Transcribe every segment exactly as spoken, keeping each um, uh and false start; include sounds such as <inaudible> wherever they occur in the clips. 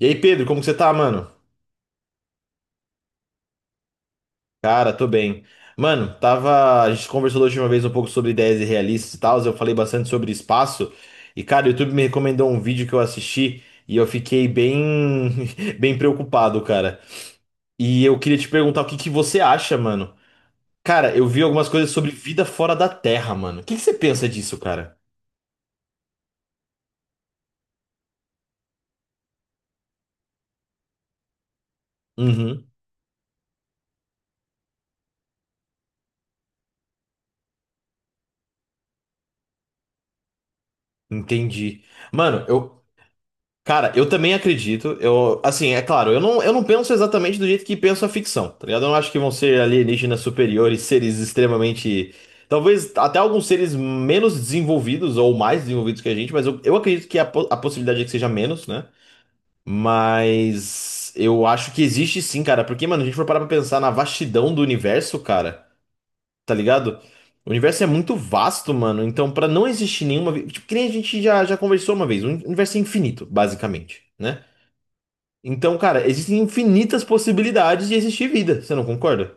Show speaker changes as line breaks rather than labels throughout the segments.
E aí, Pedro, como que você tá, mano? Cara, tô bem. Mano, tava. A gente conversou da última vez um pouco sobre ideias irrealistas e tal. Eu falei bastante sobre espaço. E, cara, o YouTube me recomendou um vídeo que eu assisti e eu fiquei bem. <laughs> Bem preocupado, cara. E eu queria te perguntar o que que você acha, mano. Cara, eu vi algumas coisas sobre vida fora da Terra, mano. O que que você pensa disso, cara? Uhum, entendi. Mano, eu. Cara, eu também acredito. Eu, assim, é claro, eu não, eu não penso exatamente do jeito que penso a ficção, tá ligado? Eu não acho que vão ser alienígenas superiores, seres extremamente. Talvez até alguns seres menos desenvolvidos ou mais desenvolvidos que a gente, mas eu, eu acredito que a, po- a possibilidade é que seja menos, né? Mas eu acho que existe sim, cara, porque, mano, a gente for parar pra pensar na vastidão do universo, cara, tá ligado? O universo é muito vasto, mano, então pra não existir nenhuma. vi- Tipo, que nem a gente já, já conversou uma vez, o universo é infinito, basicamente, né? Então, cara, existem infinitas possibilidades de existir vida, você não concorda?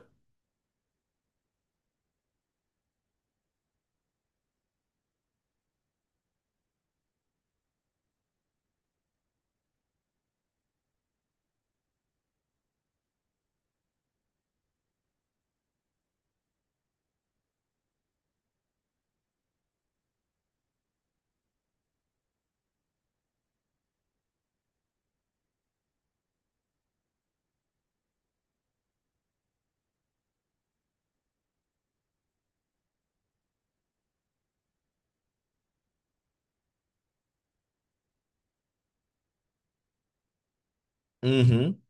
Uhum.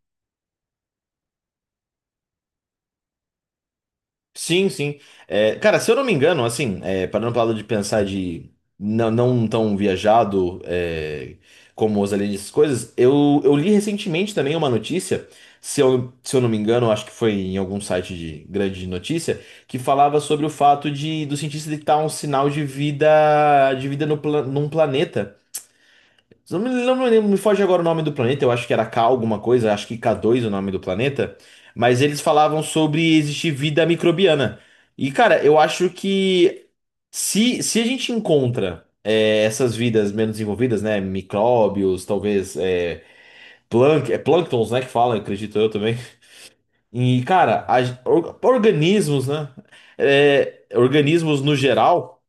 Sim, sim. É, cara, se eu não me engano, assim, é, parando para lado de pensar de não, não tão viajado é, como os aliens, essas coisas, eu, eu li recentemente também uma notícia, se eu, se eu não me engano, acho que foi em algum site de grande notícia, que falava sobre o fato de do cientista detectar um sinal de vida de vida no, pla- num planeta. Não me, não me lembro, me foge agora o nome do planeta, eu acho que era K alguma coisa, acho que K dois o nome do planeta, mas eles falavam sobre existir vida microbiana. E, cara, eu acho que se, se a gente encontra é, essas vidas menos desenvolvidas, né, micróbios, talvez é, plank, é plânctons, né, que falam, acredito eu também. E, cara, a- or- organismos, né, é, organismos no geral,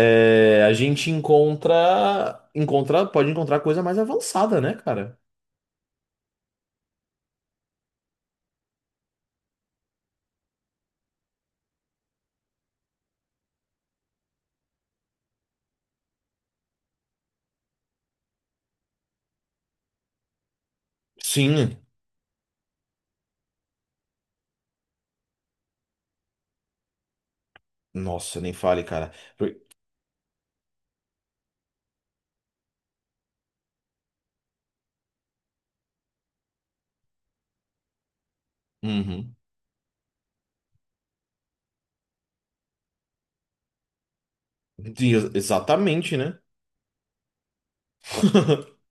é, a gente encontra, encontra, pode encontrar coisa mais avançada, né, cara? Sim. Nossa, nem fale, cara. Por- Uhum. Sim, ex- Exatamente, né? <laughs>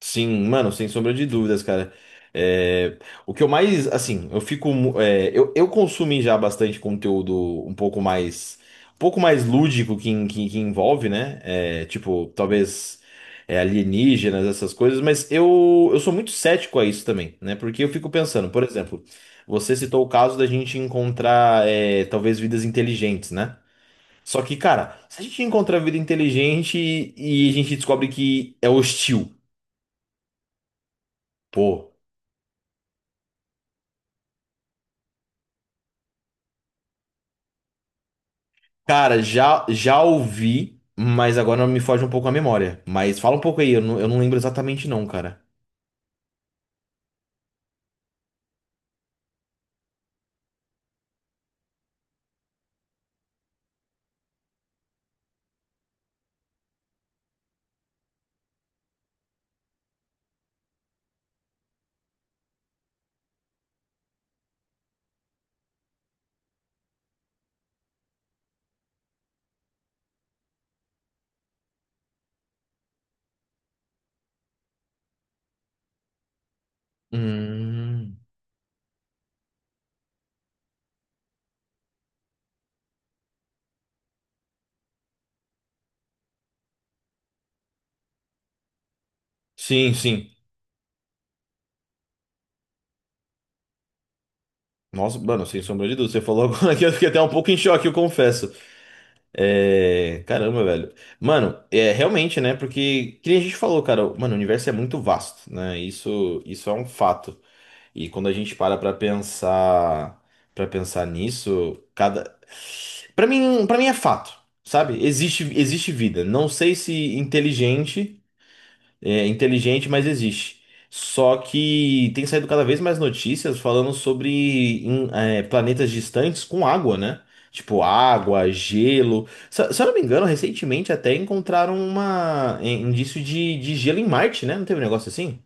Sim, mano, sem sombra de dúvidas, cara. É, o que eu mais, assim, eu fico, mu- é, eu, eu consumi já bastante conteúdo um pouco mais, um pouco mais lúdico que, en- que, que envolve, né? É, tipo, talvez é, alienígenas, essas coisas, mas eu, eu sou muito cético a isso também, né? Porque eu fico pensando, por exemplo, você citou o caso da gente encontrar, é, talvez vidas inteligentes, né? Só que, cara, se a gente encontra a vida inteligente e a gente descobre que é hostil, pô. Cara, já, já ouvi, mas agora me foge um pouco a memória. Mas fala um pouco aí, eu não, eu não lembro exatamente não, cara. Hum. Sim, sim. Nossa, mano, sem sombra de dúvida. Você falou <laughs> agora que eu fiquei até um pouco em choque, eu confesso. É. Caramba, velho. Mano, é realmente, né? Porque, que nem a gente falou, cara, mano, o universo é muito vasto, né? Isso, isso é um fato. E quando a gente para pra pensar, para pensar nisso, cada para mim, para mim é fato, sabe? Existe existe vida. Não sei se inteligente, é inteligente, mas existe. Só que tem saído cada vez mais notícias falando sobre em, é, planetas distantes com água, né? Tipo água, gelo. Se, se eu não me engano, recentemente até encontraram uma é, indício de, de gelo em Marte, né? Não teve um negócio assim?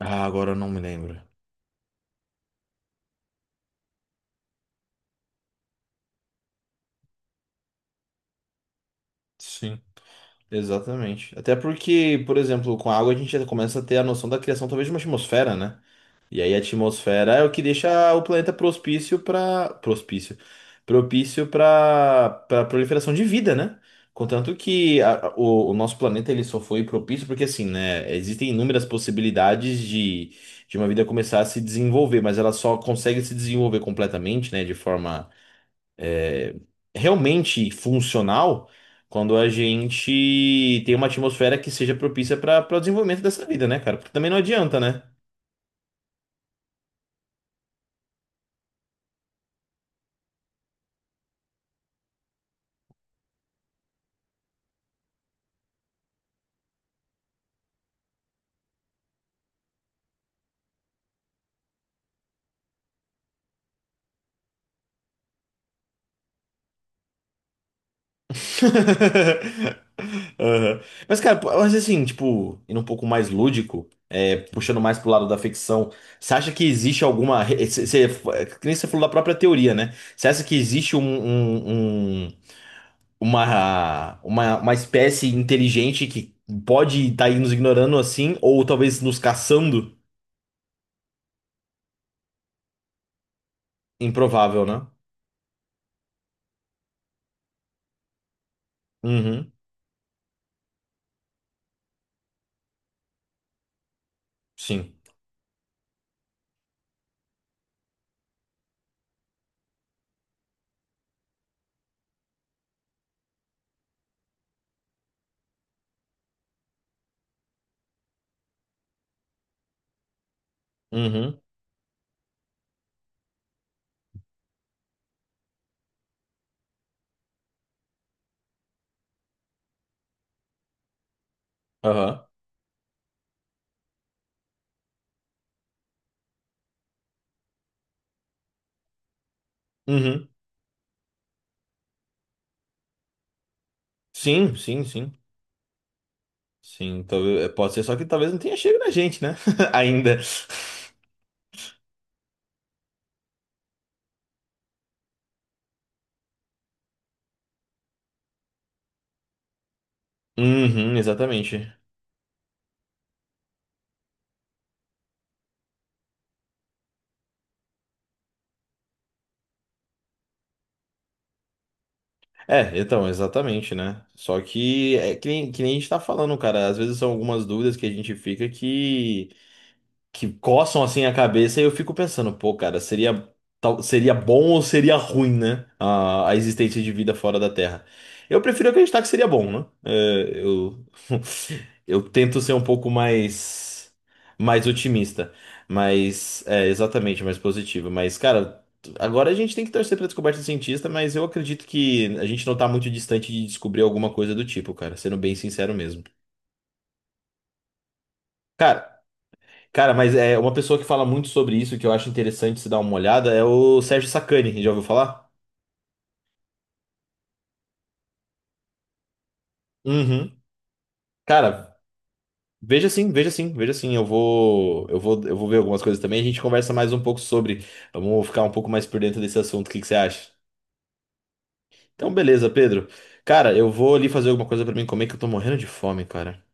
Ah, agora eu não me lembro. Exatamente. Até porque, por exemplo, com a água a gente já começa a ter a noção da criação talvez de uma atmosfera, né? E aí a atmosfera é o que deixa o planeta propício para propício, propício para para proliferação de vida, né? Contanto que a- a- o, o nosso planeta ele só foi propício porque assim, né? Existem inúmeras possibilidades de de uma vida começar a se desenvolver, mas ela só consegue se desenvolver completamente, né? De forma é, realmente funcional quando a gente tem uma atmosfera que seja propícia para o desenvolvimento dessa vida, né, cara? Porque também não adianta, né? <laughs> Aham. Mas, cara, pô, mas assim, tipo, indo um pouco mais lúdico, é, puxando mais pro lado da ficção, você acha que existe alguma. Re- Cê, cê- que nem você falou da própria teoria, né? Você acha que existe um, um- um- uma, uma, uma espécie inteligente que pode estar nos ignorando assim, ou talvez nos caçando? Improvável, né? Uhum. Sim. Uhum. Aham. Uhum. Sim, sim, sim. Sim, talvez, pode ser só que talvez não tenha chego na gente, né? <laughs> Ainda. Uhum, exatamente. É, então, exatamente, né? Só que é que nem, que nem a gente tá falando, cara. Às vezes são algumas dúvidas que a gente fica que que coçam assim a cabeça e eu fico pensando, pô, cara, seria tal- seria bom ou seria ruim, né? A, a existência de vida fora da Terra. Eu prefiro acreditar que seria bom, né? É, eu <laughs> eu tento ser um pouco mais mais otimista, mas é exatamente mais positivo, mas cara, agora a gente tem que torcer pra descoberta do cientista, mas eu acredito que a gente não tá muito distante de descobrir alguma coisa do tipo, cara, sendo bem sincero mesmo. Cara, Cara, mas é uma pessoa que fala muito sobre isso, que eu acho interessante se dar uma olhada, é o Sérgio Sacani, já ouviu falar? Uhum. Cara, veja sim, veja sim, veja sim. Eu vou, eu vou, eu vou ver algumas coisas também. A gente conversa mais um pouco sobre. Vamos ficar um pouco mais por dentro desse assunto. O que que você acha? Então, beleza, Pedro. Cara, eu vou ali fazer alguma coisa pra mim comer, que eu tô morrendo de fome, cara.